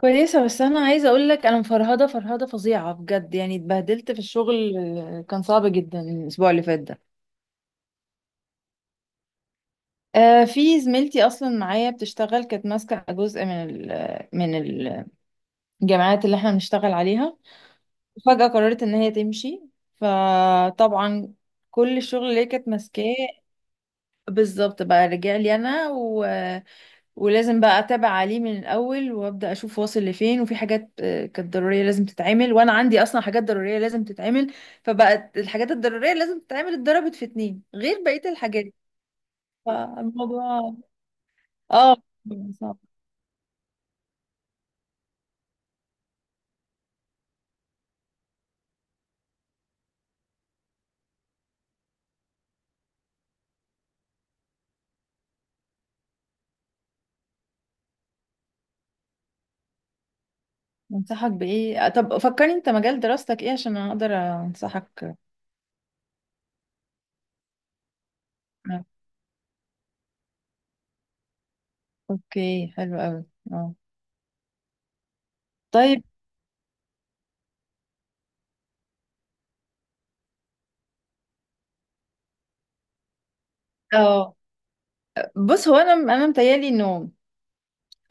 كويسة، بس أنا عايزة أقولك أنا مفرهدة فرهدة فظيعة بجد يعني اتبهدلت في الشغل، كان صعب جدا الأسبوع اللي فات ده. في زميلتي أصلا معايا بتشتغل كانت ماسكة جزء من الجامعات اللي احنا بنشتغل عليها. فجأة قررت إن هي تمشي. فطبعا كل الشغل اللي هي كانت ماسكاه بالظبط بقى رجع لي أنا. ولازم بقى اتابع عليه من الاول وابدا اشوف واصل لفين، وفي حاجات كانت ضروريه لازم تتعمل، وانا عندي اصلا حاجات ضروريه لازم تتعمل. فبقت الحاجات الضروريه لازم تتعمل اتضربت في اتنين غير بقيه الحاجات. فالموضوع اه صعب. انصحك بايه؟ طب فكرني انت مجال دراستك ايه عشان اقدر انصحك. آه، اوكي، حلو قوي. اه، طيب. اه. بص، هو انا متهيألي انه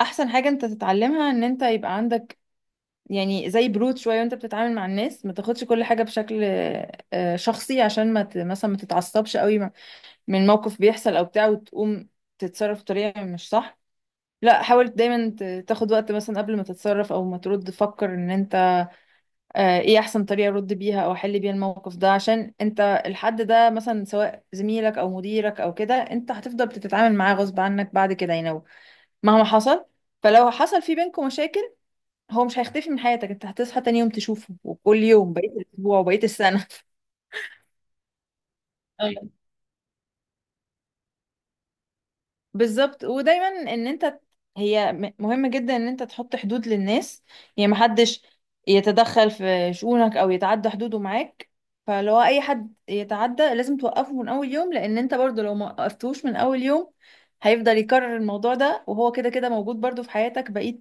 احسن حاجه انت تتعلمها ان انت يبقى عندك يعني زي برود شوية وانت بتتعامل مع الناس، ما تاخدش كل حاجة بشكل شخصي، عشان ما ت- مثلا ما تتعصبش قوي من موقف بيحصل او بتاع وتقوم تتصرف بطريقة مش صح. لا، حاول دايما تاخد وقت مثلا قبل ما تتصرف او ما ترد. فكر ان انت ايه احسن طريقة ارد بيها او احل بيها الموقف ده، عشان انت الحد ده، مثلا سواء زميلك او مديرك او كده، انت هتفضل بتتعامل معاه غصب عنك بعد كده. يعني لو مهما حصل، فلو حصل في بينكم مشاكل، هو مش هيختفي من حياتك. انت هتصحى تاني يوم تشوفه، وكل يوم بقية الأسبوع وبقية السنة. أيوة. بالظبط. ودايما ان انت ت- هي م- مهم جدا ان انت تحط حدود للناس. يعني محدش يتدخل في شؤونك او يتعدى حدوده معاك. فلو اي حد يتعدى لازم توقفه من اول يوم، لان انت برضو لو ما وقفتوش من اول يوم هيفضل يكرر الموضوع ده، وهو كده كده موجود برضو في حياتك، بقية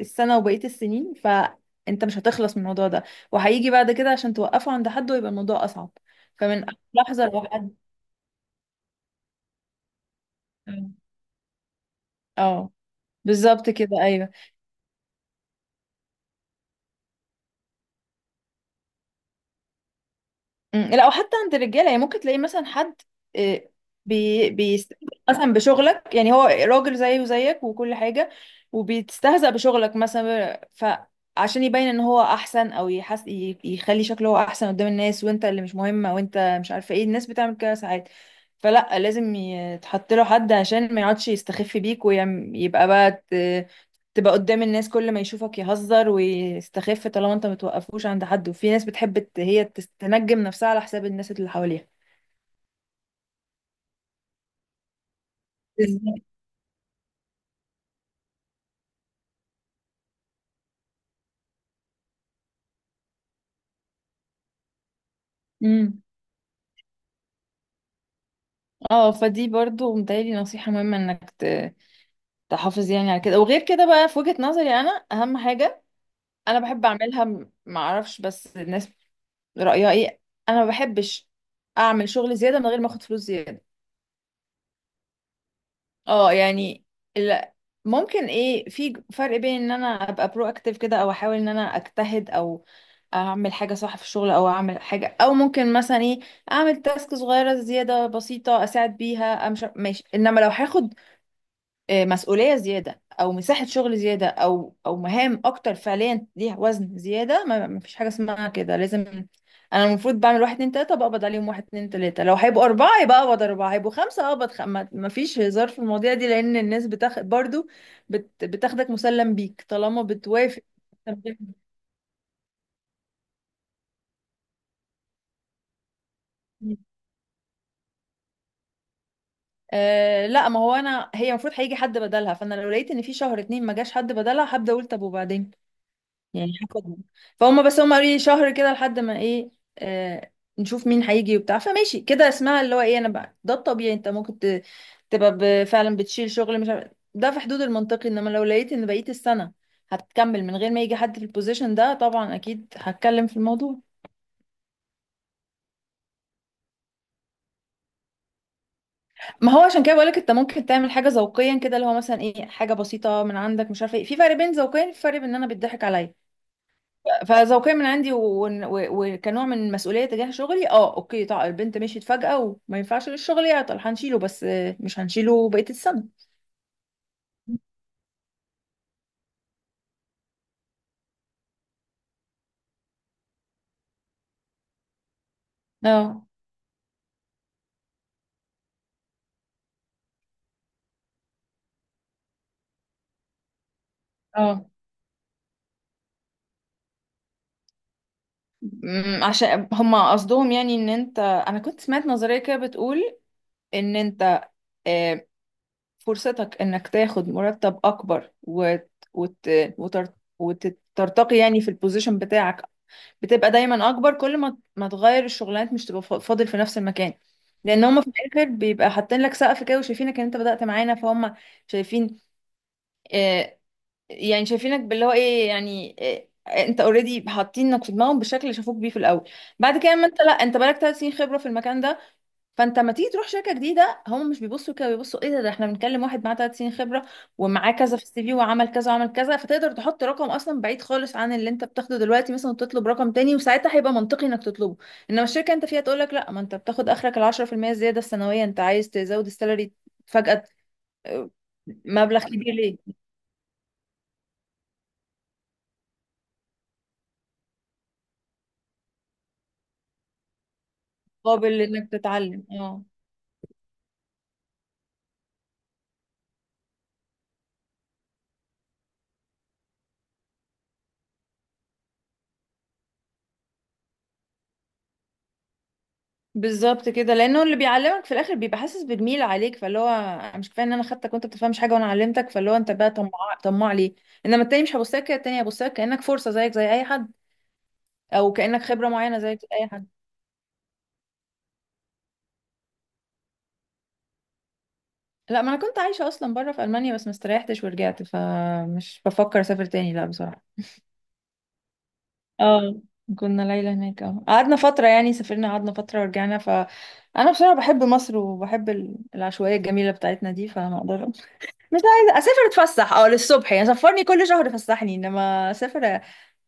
السنة وبقية السنين، فانت مش هتخلص من الموضوع ده. وهيجي بعد كده عشان توقفه عند حد، ويبقى الموضوع اصعب. فمن أول لحظة لو حد. اه، بالظبط كده، ايوه. مم. لا، وحتى عند الرجاله يعني ممكن تلاقي مثلا حد آه، بيستهزأ مثلا بشغلك، يعني هو راجل زيه وزيك وكل حاجه، وبيتستهزأ بشغلك مثلا، فعشان يبين ان هو احسن او يحس يخلي شكله هو احسن قدام الناس، وانت اللي مش مهمه. وانت مش عارفه ايه، الناس بتعمل كده ساعات. فلا، لازم يتحط له حد عشان ما يقعدش يستخف بيك، ويبقى بقى تبقى قدام الناس كل ما يشوفك يهزر ويستخف طالما انت متوقفوش عند حد. وفي ناس بتحب تنجم نفسها على حساب الناس اللي حواليها. بالظبط. امم اه، فدي برضو متهيألي نصيحة مهمة انك تحافظ يعني على كده. وغير كده بقى، في وجهة نظري انا، اهم حاجة انا بحب اعملها، معرفش بس الناس رأيها ايه. انا ما بحبش اعمل شغل زيادة من غير ما اخد فلوس زيادة. اه يعني. لا، ممكن ايه، في فرق بين ان انا ابقى برو اكتيف كده او احاول ان انا اجتهد او اعمل حاجه صح في الشغل او اعمل حاجه، او ممكن مثلا ايه اعمل تاسك صغيره زياده بسيطه اساعد بيها، امشي ماشي. انما لو هاخد مسؤوليه زياده او مساحه شغل زياده او مهام اكتر فعليا ليها وزن زياده، ما فيش حاجه اسمها كده. لازم انا المفروض بعمل واحد اتنين تلاته، بقبض عليهم واحد اتنين تلاته. لو هيبقوا اربعه يبقى اقبض اربعه، هيبقوا خمسه اقبض خمسه. ما فيش هزار في المواضيع دي، لان الناس بتاخد برضو، بتاخدك مسلم بيك طالما بتوافق. أه لا، ما هو انا هي المفروض هيجي حد بدلها. فانا لو لقيت ان في شهر اتنين ما جاش حد بدلها هبدا اقول طب وبعدين، يعني هاخدهم. فهم بس هم قالوا لي شهر كده لحد ما ايه، أه، نشوف مين هيجي وبتاع. فماشي كده، اسمها اللي هو ايه، انا بقى، ده الطبيعي. انت ممكن فعلا بتشيل شغل مش عارف ده في حدود المنطقي. انما لو لقيت ان بقيت السنه هتكمل من غير ما يجي حد في البوزيشن ده طبعا اكيد هتكلم في الموضوع. ما هو عشان كده بقولك انت ممكن تعمل حاجه ذوقيا كده اللي هو مثلا ايه، حاجه بسيطه من عندك، مش عارفه ايه. في فرق بين ذوقيا، في فرق بين ان انا بيضحك عليا. فذوقيا من عندي وكنوع من مسؤوليه تجاه شغلي. اه اوكي، طبعا البنت مشيت فجاه وما ينفعش للشغل يعطل، هنشيله، بس مش هنشيله بقيه السنه. اه. اه. عشان هما قصدهم يعني ان انت انا كنت سمعت نظريه كده بتقول ان انت آه، فرصتك انك تاخد مرتب اكبر وتر... وترتقي يعني في البوزيشن بتاعك، بتبقى دايما اكبر كل ما تغير الشغلانات، مش تبقى فاضل في نفس المكان. لان هم في الاخر بيبقى حاطين لك سقف كده، وشايفينك ان انت بدأت معانا فهم شايفين آه يعني شايفينك باللي هو ايه يعني انت اوريدي حاطينك في دماغهم بالشكل اللي شافوك بيه في الاول. بعد كده اما انت، لا، انت بقالك 3 سنين خبرة في المكان ده. فانت لما تيجي تروح شركه جديده هم مش بيبصوا كده، بيبصوا ايه ده، ده احنا بنتكلم واحد معاه 3 سنين خبره، ومعاه كذا في CV وعمل كذا وعمل كذا، فتقدر تحط رقم اصلا بعيد خالص عن اللي انت بتاخده دلوقتي، مثلا تطلب رقم تاني، وساعتها هيبقى منطقي انك تطلبه. انما الشركه انت فيها تقول لك لا، ما انت بتاخد اخرك ال 10% الزياده السنويه، انت عايز تزود السالري فجاه ت- مبلغ كبير ليه؟ مقابل انك تتعلم. اه بالظبط كده، لانه اللي بيعلمك في الاخر بيبقى حاسس بالميل عليك، فاللي هو أنا مش كفايه ان انا خدتك وانت بتفهمش حاجه وانا علمتك، فاللي هو انت بقى طماع. طماع ليه؟ انما التاني مش هبص لك كده، التاني هبص لك كانك فرصه زيك زي اي حد، او كانك خبره معينه زيك زي اي حد. لا، ما انا كنت عايشه اصلا بره في المانيا، بس ما استريحتش ورجعت، فمش بفكر اسافر تاني لا بصراحه. اه كنا ليلة هناك، اه قعدنا فترة يعني، سافرنا قعدنا فترة ورجعنا. فأنا بصراحة بحب مصر، وبحب العشوائية الجميلة بتاعتنا دي، فما أقدر مش عايزة أسافر أتفسح أه للصبح يعني، سفرني كل شهر فسحني. إنما أسافر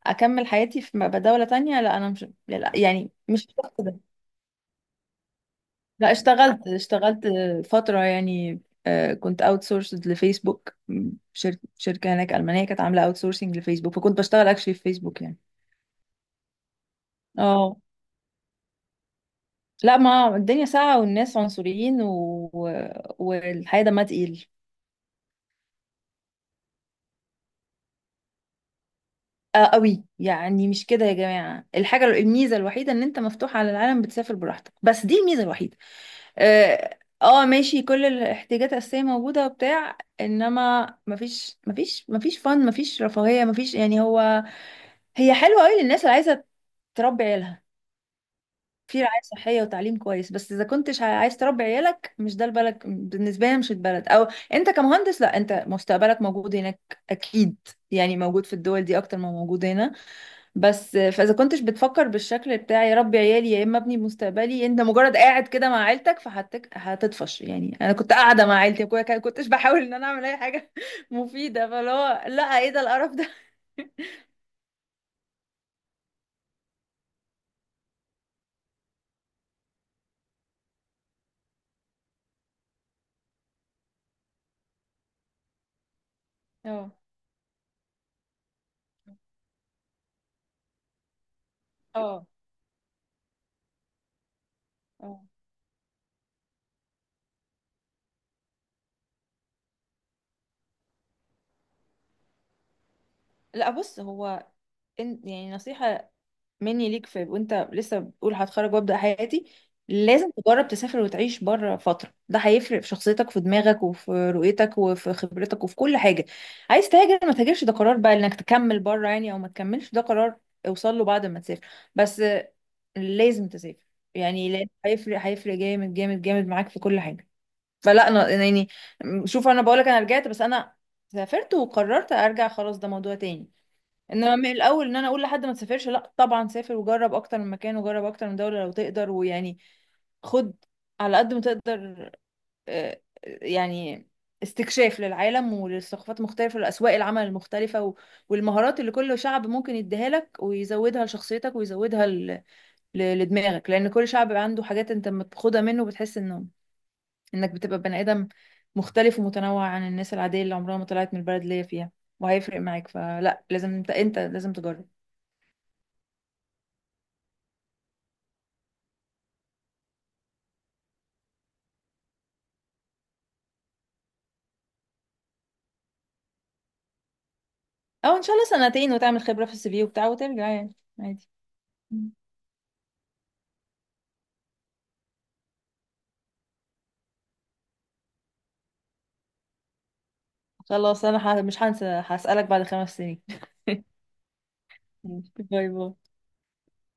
أكمل حياتي في دولة تانية، لا أنا مش، لا يعني مش الشخص ده. لا، اشتغلت فترة يعني، كنت اوت سورسد لفيسبوك، شركة هناك ألمانية كانت عاملة اوت سورسنج لفيسبوك، فكنت بشتغل اكشلي في فيسبوك يعني. اه لا، ما الدنيا ساقعة والناس عنصريين والحياة دمها تقيل. آه قوي، يعني مش كده يا جماعة. الحاجة، الميزة الوحيدة ان انت مفتوح على العالم بتسافر براحتك، بس دي الميزة الوحيدة. اه. ماشي، كل الاحتياجات الأساسية موجودة وبتاع، انما مفيش فن، مفيش رفاهية، مفيش يعني هو هي حلوة قوي للناس اللي عايزة تربي عيالها في رعاية صحية وتعليم كويس. بس اذا كنتش عايز تربي عيالك، مش ده البلد بالنسبة لي. مش البلد. او انت كمهندس، لا انت مستقبلك موجود هناك اكيد يعني، موجود في الدول دي اكتر ما موجود هنا. بس فاذا كنتش بتفكر بالشكل بتاع يا ربي عيالي يا اما ابني مستقبلي، انت مجرد قاعد كده مع عيلتك، فهتك هتطفش. يعني انا كنت قاعده مع عيلتي ما كنتش بحاول ان انا اعمل اي حاجه مفيده، فاللي هو لا، ايه ده القرف ده. اه، اه، اه. لا، بص هو يعني نصيحة مني ليك، في وانت لسه بتقول هتخرج وابدا حياتي لازم تجرب تسافر وتعيش بره فتره. ده هيفرق في شخصيتك، في دماغك، وفي رؤيتك، وفي خبرتك، وفي كل حاجه. عايز تهاجر ما تهاجرش، ده قرار بقى انك تكمل بره يعني او ما تكملش، ده قرار اوصل له بعد ما تسافر. بس لازم تسافر يعني، لأن هيفرق جامد جامد جامد معاك في كل حاجه. فلا انا يعني، شوف انا بقولك انا رجعت، بس انا سافرت وقررت ارجع، خلاص ده موضوع تاني. انما من الاول ان انا اقول لحد ما تسافرش لا، طبعا سافر وجرب اكتر من مكان، وجرب اكتر من دولة لو تقدر، ويعني خد على قد ما تقدر يعني استكشاف للعالم وللثقافات المختلفة ولأسواق العمل المختلفة والمهارات اللي كل شعب ممكن يديها لك ويزودها لشخصيتك ويزودها لدماغك، لأن كل شعب عنده حاجات انت لما بتاخدها منه بتحس انه انك بتبقى بني آدم مختلف ومتنوع عن الناس العادية اللي عمرها ما طلعت من البلد اللي هي فيها، وهيفرق معاك. فلا لازم انت لازم تجرب. او ان شاء الله سنتين وتعمل خبرة في CV وبتاع وترجع يعني عادي. مم. خلاص انا مش هنسى، هسألك بعد 5 سنين. ماشي. باي باي.